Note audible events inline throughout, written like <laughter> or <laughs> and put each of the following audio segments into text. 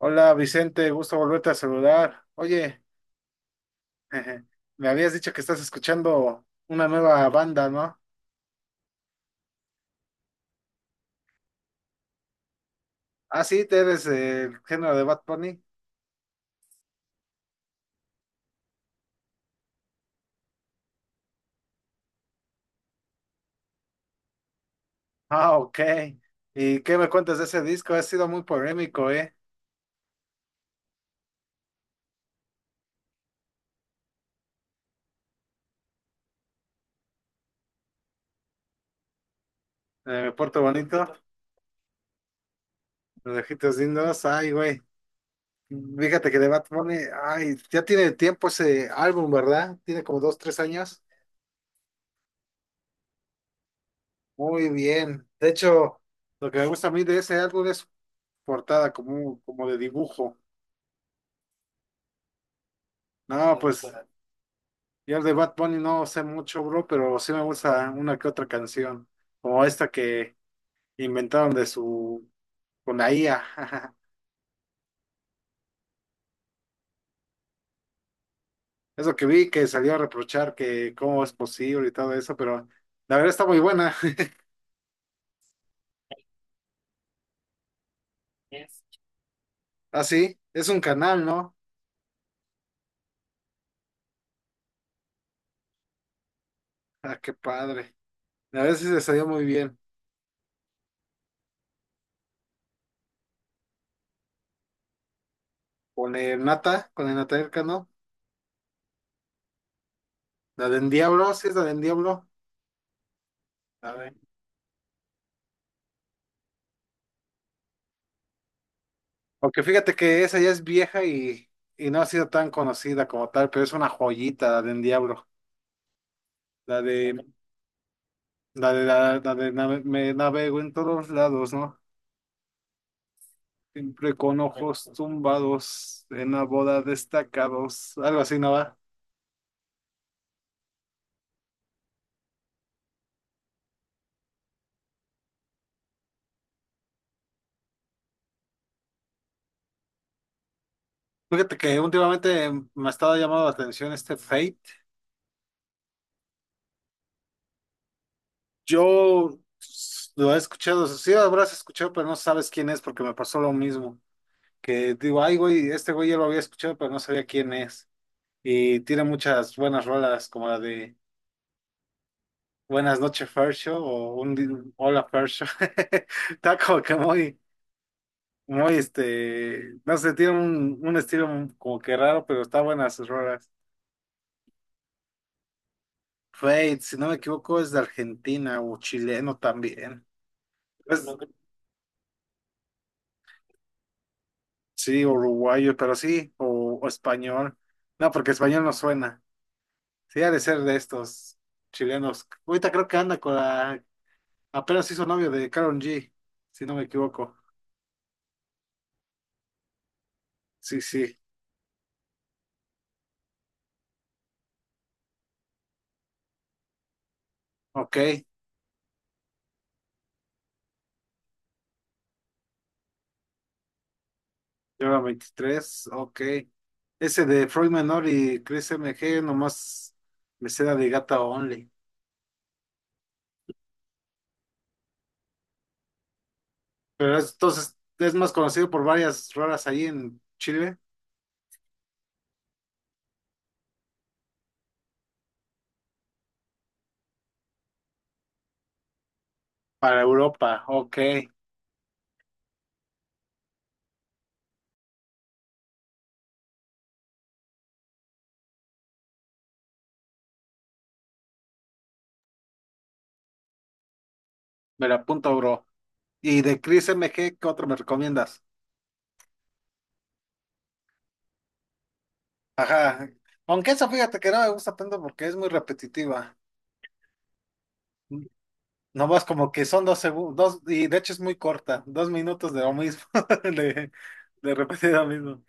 Hola Vicente, gusto volverte a saludar. Oye, <laughs> me habías dicho que estás escuchando una nueva banda, ¿no? Ah, sí, te eres el género de Bad Bunny. Ah, ok. ¿Y qué me cuentas de ese disco? Ha sido muy polémico, ¿eh? Puerto Bonito, Los Ojitos Lindos, ay, güey. Fíjate que de Bad Bunny, ay, ya tiene tiempo ese álbum, ¿verdad? Tiene como dos, tres años. Muy bien. De hecho, lo que me gusta a mí de ese álbum es su portada como de dibujo. No, pues. Yo de Bad Bunny no sé mucho, bro, pero sí me gusta una que otra canción, como esta que inventaron con la IA. <laughs> Eso que vi que salió a reprochar que cómo es posible y todo eso, pero la verdad está muy buena. <laughs> Yes. Ah, sí, es un canal, ¿no? Ah, qué padre. La verdad sí se salió muy bien. Con el Natael Cano, la de Diablo, sí es la de Diablo. A ver. Aunque fíjate que esa ya es vieja y no ha sido tan conocida como tal, pero es una joyita la de Diablo. La de, la de, la de Me navego en todos lados, ¿no? Siempre con ojos tumbados, en la boda destacados, algo así, ¿no va? Fíjate que últimamente me ha estado llamando la atención este Fate. Yo lo he escuchado, sí lo habrás escuchado, pero no sabes quién es porque me pasó lo mismo. Que digo, ay, güey, este güey ya lo había escuchado, pero no sabía quién es. Y tiene muchas buenas rolas, como la de Buenas noches, Fercho, o Hola, Fercho. <laughs> Está como que muy. Muy, no sé, tiene un estilo como que raro, pero está buena sus rolas. Fate, si no me equivoco, es de Argentina o chileno también. Es- sí, uruguayo, pero sí, o español. No, porque español no suena. Sí, ha de ser de estos chilenos. Ahorita creo que anda apenas hizo novio de Karol G, si no me equivoco. Sí, sí, ok. Lleva 23, ok. Ese de Freud Menor y Chris MG, nomás me seda de Gata Only. Pero entonces es más conocido por varias rolas ahí en Chile. Para Europa, ok. Me la apunto, bro. Y de Chris MG, ¿qué otro me recomiendas? Ajá. Aunque esa fíjate que no me gusta tanto porque es muy repetitiva. Nomás como que son 2 segundos, dos, y de hecho es muy corta, 2 minutos de lo mismo, <laughs> de, de repetir lo mismo.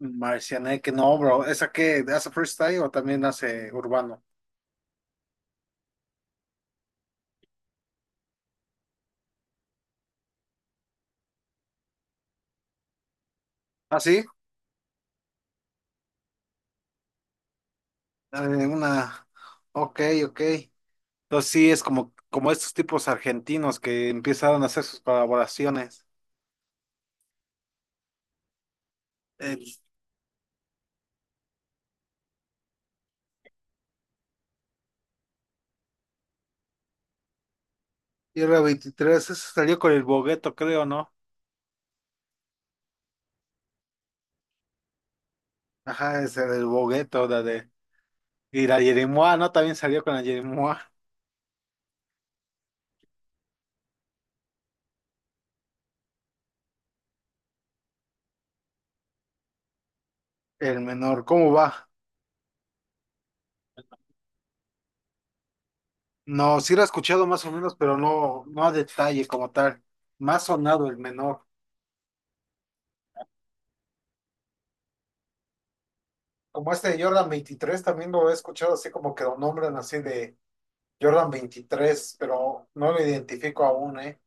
Marcianeque, no, bro. ¿Esa que ¿Hace freestyle o también hace urbano? Ah, sí. Eh, una. Ok, ok. Entonces sí, es como estos tipos argentinos que empezaron a hacer sus colaboraciones. El Tierra 23, eso salió con el Bogueto, creo, ¿no? Ajá, ese del Bogueto, la de. Y la Yeremoa, ¿no? También salió con la Yeremoa. El menor, ¿cómo va? No, sí lo he escuchado más o menos, pero no, no a detalle como tal. Más sonado el menor. Como este de Jordan 23 también lo he escuchado así como que lo nombran así de Jordan 23 pero no lo identifico aún, ¿eh?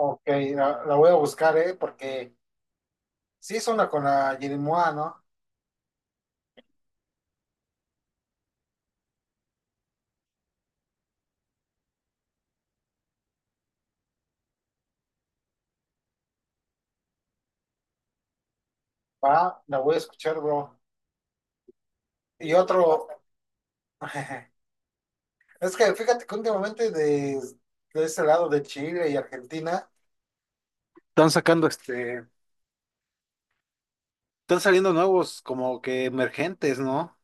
Ok, la voy a buscar, ¿eh? Porque sí es una con la Jerimoa, ¿no? Va, la voy a escuchar, bro. Y otro, <laughs> es que fíjate que últimamente de ese lado de Chile y Argentina están sacando este, están saliendo nuevos como que emergentes, ¿no?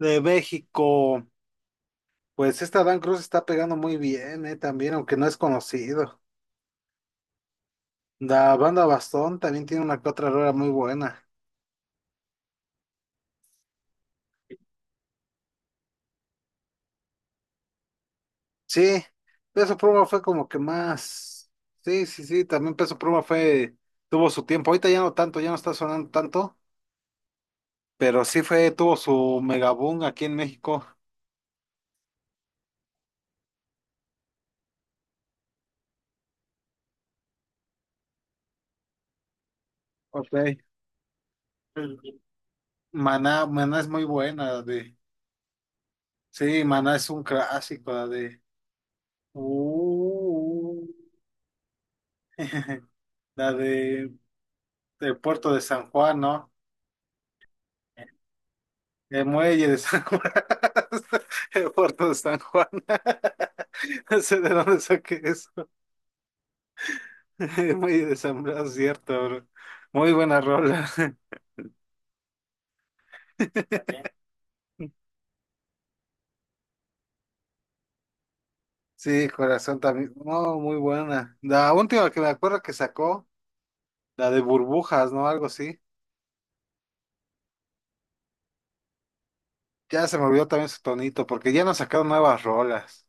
De México. Pues esta Dan Cruz está pegando muy bien, también, aunque no es conocido. La banda Bastón también tiene una que otra rola muy buena. Sí, Peso Pluma fue como que más. Sí, sí, sí, también Peso Pluma tuvo su tiempo. Ahorita ya no tanto, ya no está sonando tanto, pero sí tuvo su mega boom aquí en México. Ok. Maná es muy buena, la de. Sí, Maná es un clásico, la de. Uh, <laughs> la de, del puerto de San Juan, ¿no? El muelle de San Juan. <laughs> El puerto de San Juan. <laughs> No sé de dónde saqué eso. El muelle de San Blas, cierto, bro. Muy buena rola. <laughs> Sí, corazón también. No, muy buena. La última que me acuerdo que sacó, la de burbujas, ¿no? Algo así. Ya se me olvidó también su tonito, porque ya no sacaron nuevas rolas.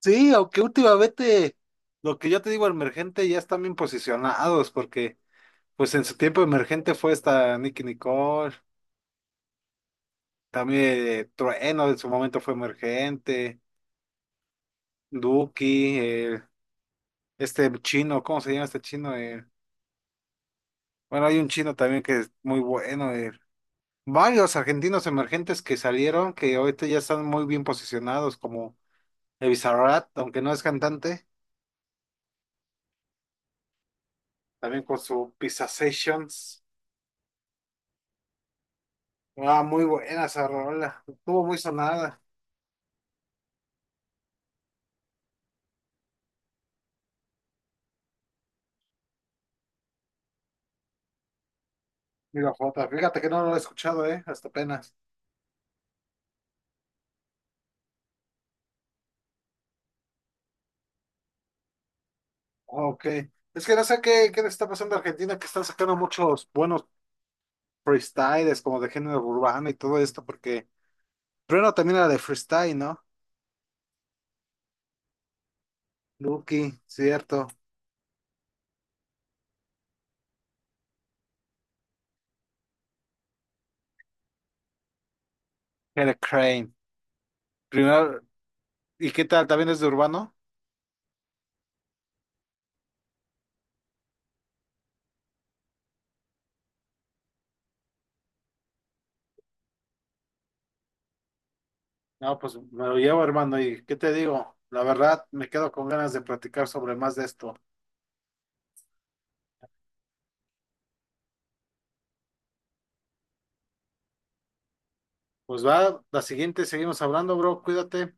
Sí, aunque últimamente lo que yo te digo, emergente, ya están bien posicionados, porque. Pues en su tiempo emergente fue esta Nicki Nicole, también Trueno en su momento fue emergente, Duki, este chino, ¿cómo se llama este chino? Bueno, hay un chino también que es muy bueno. Varios argentinos emergentes que salieron, que ahorita ya están muy bien posicionados, como el Bizarrap, aunque no es cantante, también con su Pizza Sessions. Ah, muy buena esa rola, estuvo muy sonada. Mira, Jota, fíjate que no lo he escuchado, hasta apenas. Ah, ok. Es que no sé qué le está pasando a Argentina, que están sacando muchos buenos freestyles, como de género urbano y todo esto, porque primero también era de freestyle, ¿no? Lucky, cierto. Era Crane. Primero, ¿y qué tal? ¿También es de urbano? No, pues me lo llevo, hermano, y ¿qué te digo? La verdad, me quedo con ganas de platicar sobre más de esto. Pues va, la siguiente seguimos hablando, bro, cuídate.